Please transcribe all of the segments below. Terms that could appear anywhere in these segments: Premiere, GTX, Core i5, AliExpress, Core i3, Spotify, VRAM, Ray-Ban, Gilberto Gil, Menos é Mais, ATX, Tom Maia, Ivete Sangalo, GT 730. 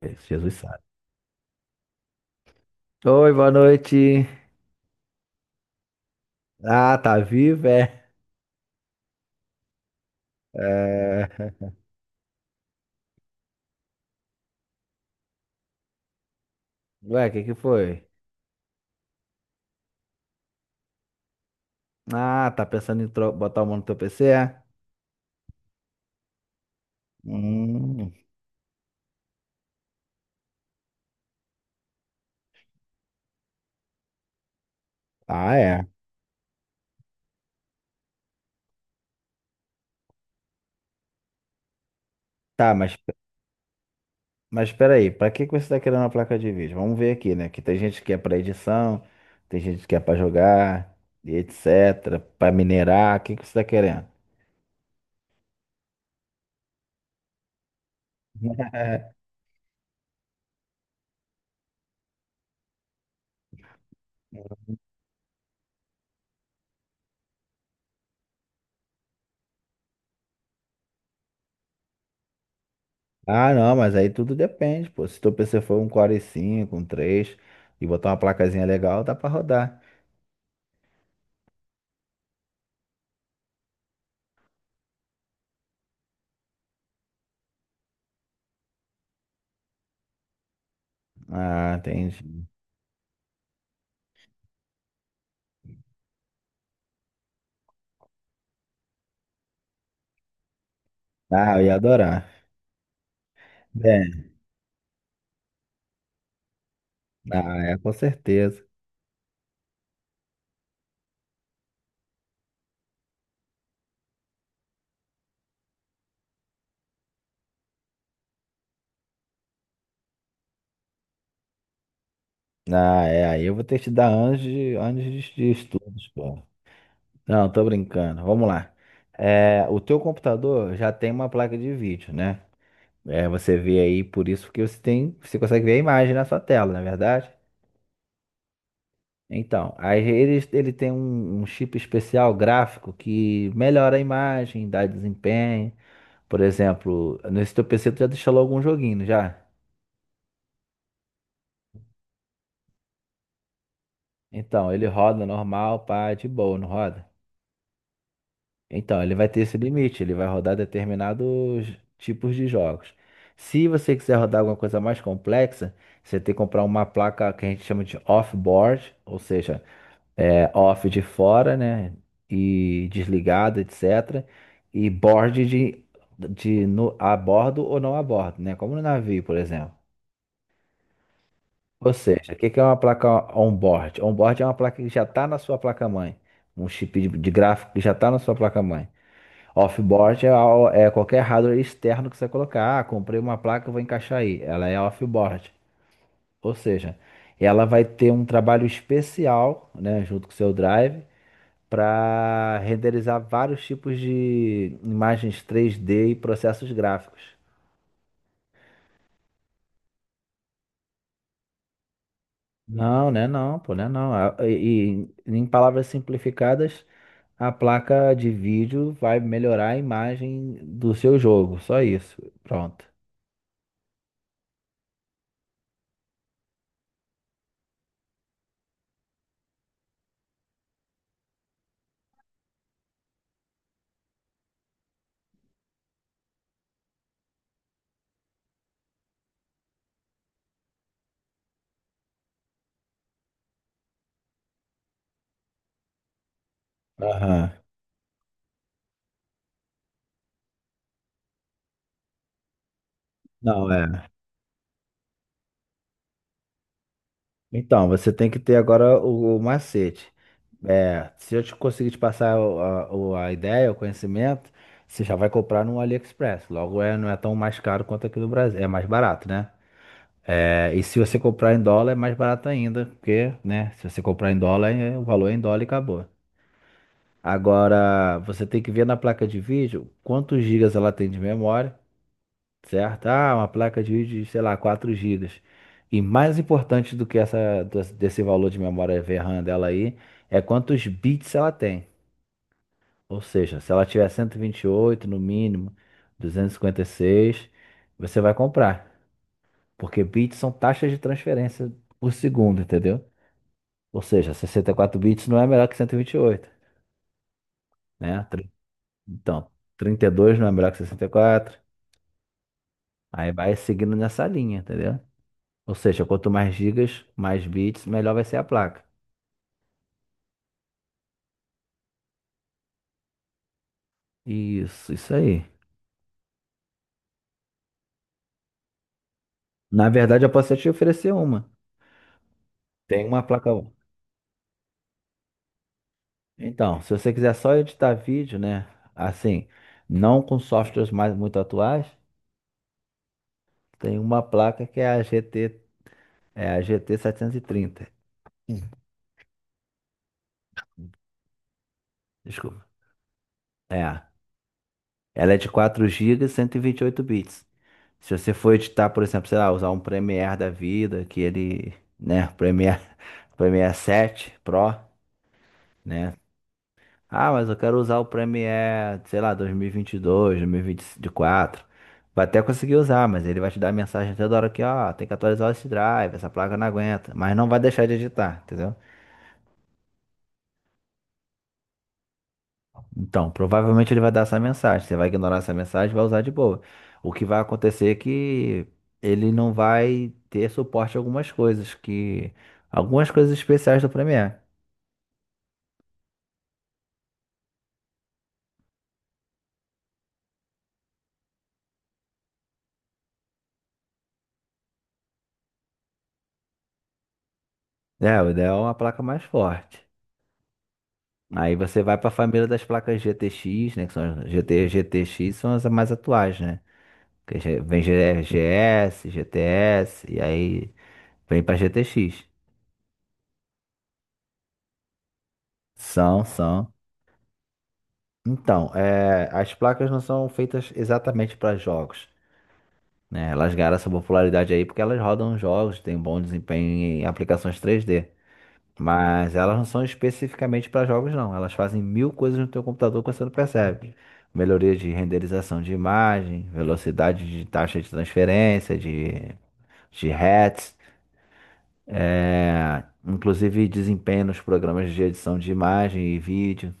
Esse Jesus sabe. Oi, boa noite. Ah, tá vivo, é? É. Ué, o que que foi? Ah, tá pensando em botar o mão no teu PC, é? Hum. Ah, é. Tá, mas peraí, pra que que você tá querendo uma placa de vídeo? Vamos ver aqui, né? Que tem gente que é pra edição, tem gente que é pra jogar, e etc. Pra minerar, o que que você tá querendo? Ah, não, mas aí tudo depende, pô. Se teu PC for um Core i cinco um três e botar uma placazinha legal, dá pra rodar. Ah, entendi. Ah, eu ia adorar. É, ah, é, com certeza. Ah, é, aí eu vou ter que te dar anos de estudos, pô. Não, tô brincando. Vamos lá. É, o teu computador já tem uma placa de vídeo, né? É, você vê aí, por isso que você tem, você consegue ver a imagem na sua tela, não é verdade? Então, aí ele tem um chip especial gráfico que melhora a imagem, dá desempenho. Por exemplo, nesse teu PC tu já instalou algum joguinho, não já? Então, ele roda normal, pá, de boa, não roda? Então, ele vai ter esse limite, ele vai rodar determinados tipos de jogos. Se você quiser rodar alguma coisa mais complexa, você tem que comprar uma placa que a gente chama de off-board, ou seja, é off de fora, né? E desligado, etc. E board de no, a bordo ou não a bordo, né? Como no navio, por exemplo. Ou seja, o que que é uma placa onboard? Onboard é uma placa que já está na sua placa-mãe. Um chip de gráfico que já está na sua placa-mãe. Offboard é, é qualquer hardware externo que você colocar. Ah, comprei uma placa, vou encaixar aí. Ela é offboard. Ou seja, ela vai ter um trabalho especial, né, junto com o seu drive, para renderizar vários tipos de imagens 3D e processos gráficos. Não, né? Não, pô, né? Não. E em palavras simplificadas, a placa de vídeo vai melhorar a imagem do seu jogo. Só isso. Pronto. Aham. Não, é. Então, você tem que ter agora o macete. É, se eu te conseguir te passar a ideia, o conhecimento, você já vai comprar no AliExpress. Logo, é, não é tão mais caro quanto aqui no Brasil. É mais barato, né? É, e se você comprar em dólar é mais barato ainda, porque, né, se você comprar em dólar, o valor é em dólar e acabou. Agora, você tem que ver na placa de vídeo quantos gigas ela tem de memória, certo? Ah, uma placa de vídeo de, sei lá, 4 gigas. E mais importante do que essa, desse valor de memória VRAM dela aí, é quantos bits ela tem. Ou seja, se ela tiver 128 no mínimo, 256, você vai comprar. Porque bits são taxas de transferência por segundo, entendeu? Ou seja, 64 bits não é melhor que cento e vinte e oito, né? Então, 32 não é melhor que 64. Aí vai seguindo nessa linha, entendeu? Ou seja, quanto mais gigas, mais bits, melhor vai ser a placa. Isso aí. Na verdade, eu posso até te oferecer uma. Tem uma placa. Então, se você quiser só editar vídeo, né? Assim, não com softwares mais muito atuais, tem uma placa que é a GT 730. Hum. Desculpa. É. Ela é de 4 gigas, 128 bits. Se você for editar, por exemplo, sei lá, usar um Premiere da vida, que ele, né, Premiere, Premiere 7 Pro, né? Ah, mas eu quero usar o Premiere, sei lá, dois mil e vinte e dois, dois mil e vinte e quatro. Vai até conseguir usar, mas ele vai te dar mensagem toda hora que, ó, tem que atualizar esse drive, essa placa não aguenta, mas não vai deixar de editar, entendeu? Então, provavelmente ele vai dar essa mensagem. Você vai ignorar essa mensagem, e vai usar de boa. O que vai acontecer é que ele não vai ter suporte a algumas coisas especiais do Premiere. É, o ideal é uma placa mais forte. Aí você vai para a família das placas GTX, né, que são as GT, GTX são as mais atuais, né? Que já vem GS, GTS e aí vem para GTX. São, são. Então, é, as placas não são feitas exatamente para jogos. Né? Elas ganharam essa popularidade aí porque elas rodam jogos, têm bom desempenho em aplicações 3D. Mas elas não são especificamente para jogos, não. Elas fazem mil coisas no teu computador que você não percebe. Melhoria de renderização de imagem, velocidade de taxa de transferência, de hertz, é, inclusive desempenho nos programas de edição de imagem e vídeo.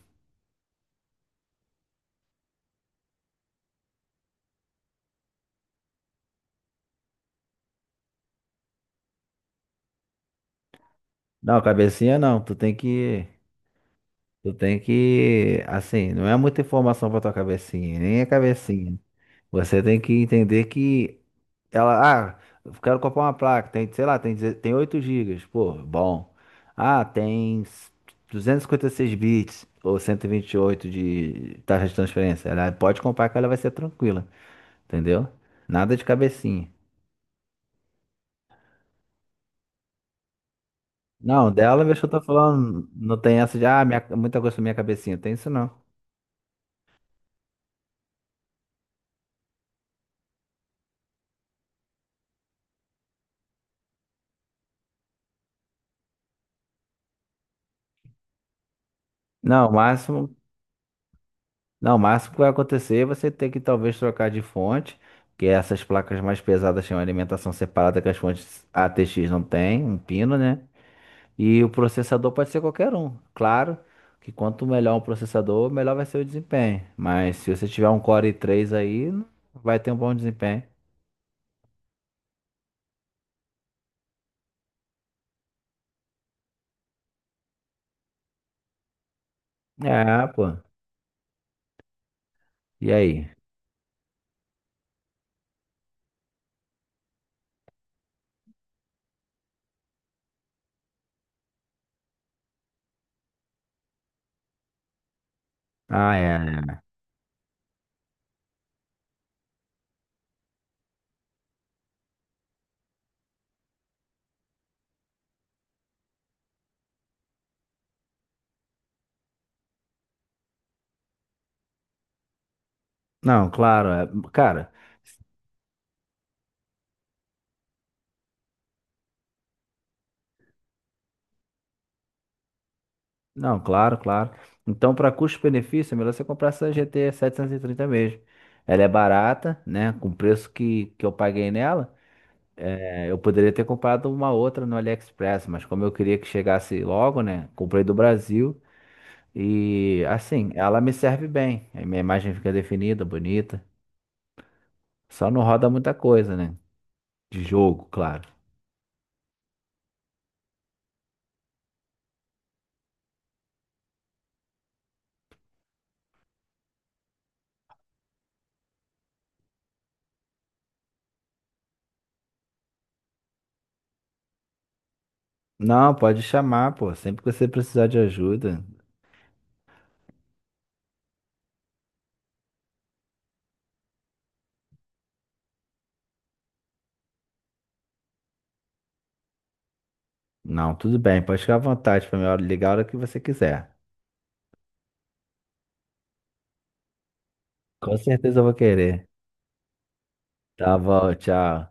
Não, cabecinha não, tu tem que, assim, não é muita informação para tua cabecinha, nem é cabecinha. Você tem que entender que ela, ah, eu quero comprar uma placa, tem, sei lá, tem, tem 8 gigas, pô, bom. Ah, tem 256 bits ou cento e vinte e oito de taxa de transferência. Ela pode comprar que ela vai ser tranquila, entendeu? Nada de cabecinha. Não, dela, veja, eu tô falando, não tem essa de, ah, minha, muita coisa pra minha cabecinha, tem isso não. Não, o máximo Não, o máximo que vai acontecer é você ter que talvez trocar de fonte, que essas placas mais pesadas têm uma alimentação separada que as fontes ATX não têm, um pino, né? E o processador pode ser qualquer um. Claro que quanto melhor um processador, melhor vai ser o desempenho. Mas se você tiver um Core i3 aí, vai ter um bom desempenho. É, pô. E aí? Ah, é. É. Não, claro, cara. Não, claro, claro. Então, para custo-benefício, é melhor você comprar essa GT 730 mesmo. Ela é barata, né? Com o preço que eu paguei nela, é, eu poderia ter comprado uma outra no AliExpress, mas como eu queria que chegasse logo, né? Comprei do Brasil e, assim, ela me serve bem. A minha imagem fica definida, bonita. Só não roda muita coisa, né? De jogo, claro. Não, pode chamar, pô. Sempre que você precisar de ajuda. Não, tudo bem. Pode ficar à vontade para me ligar a hora que você quiser. Com certeza eu vou querer. Tá bom, tchau.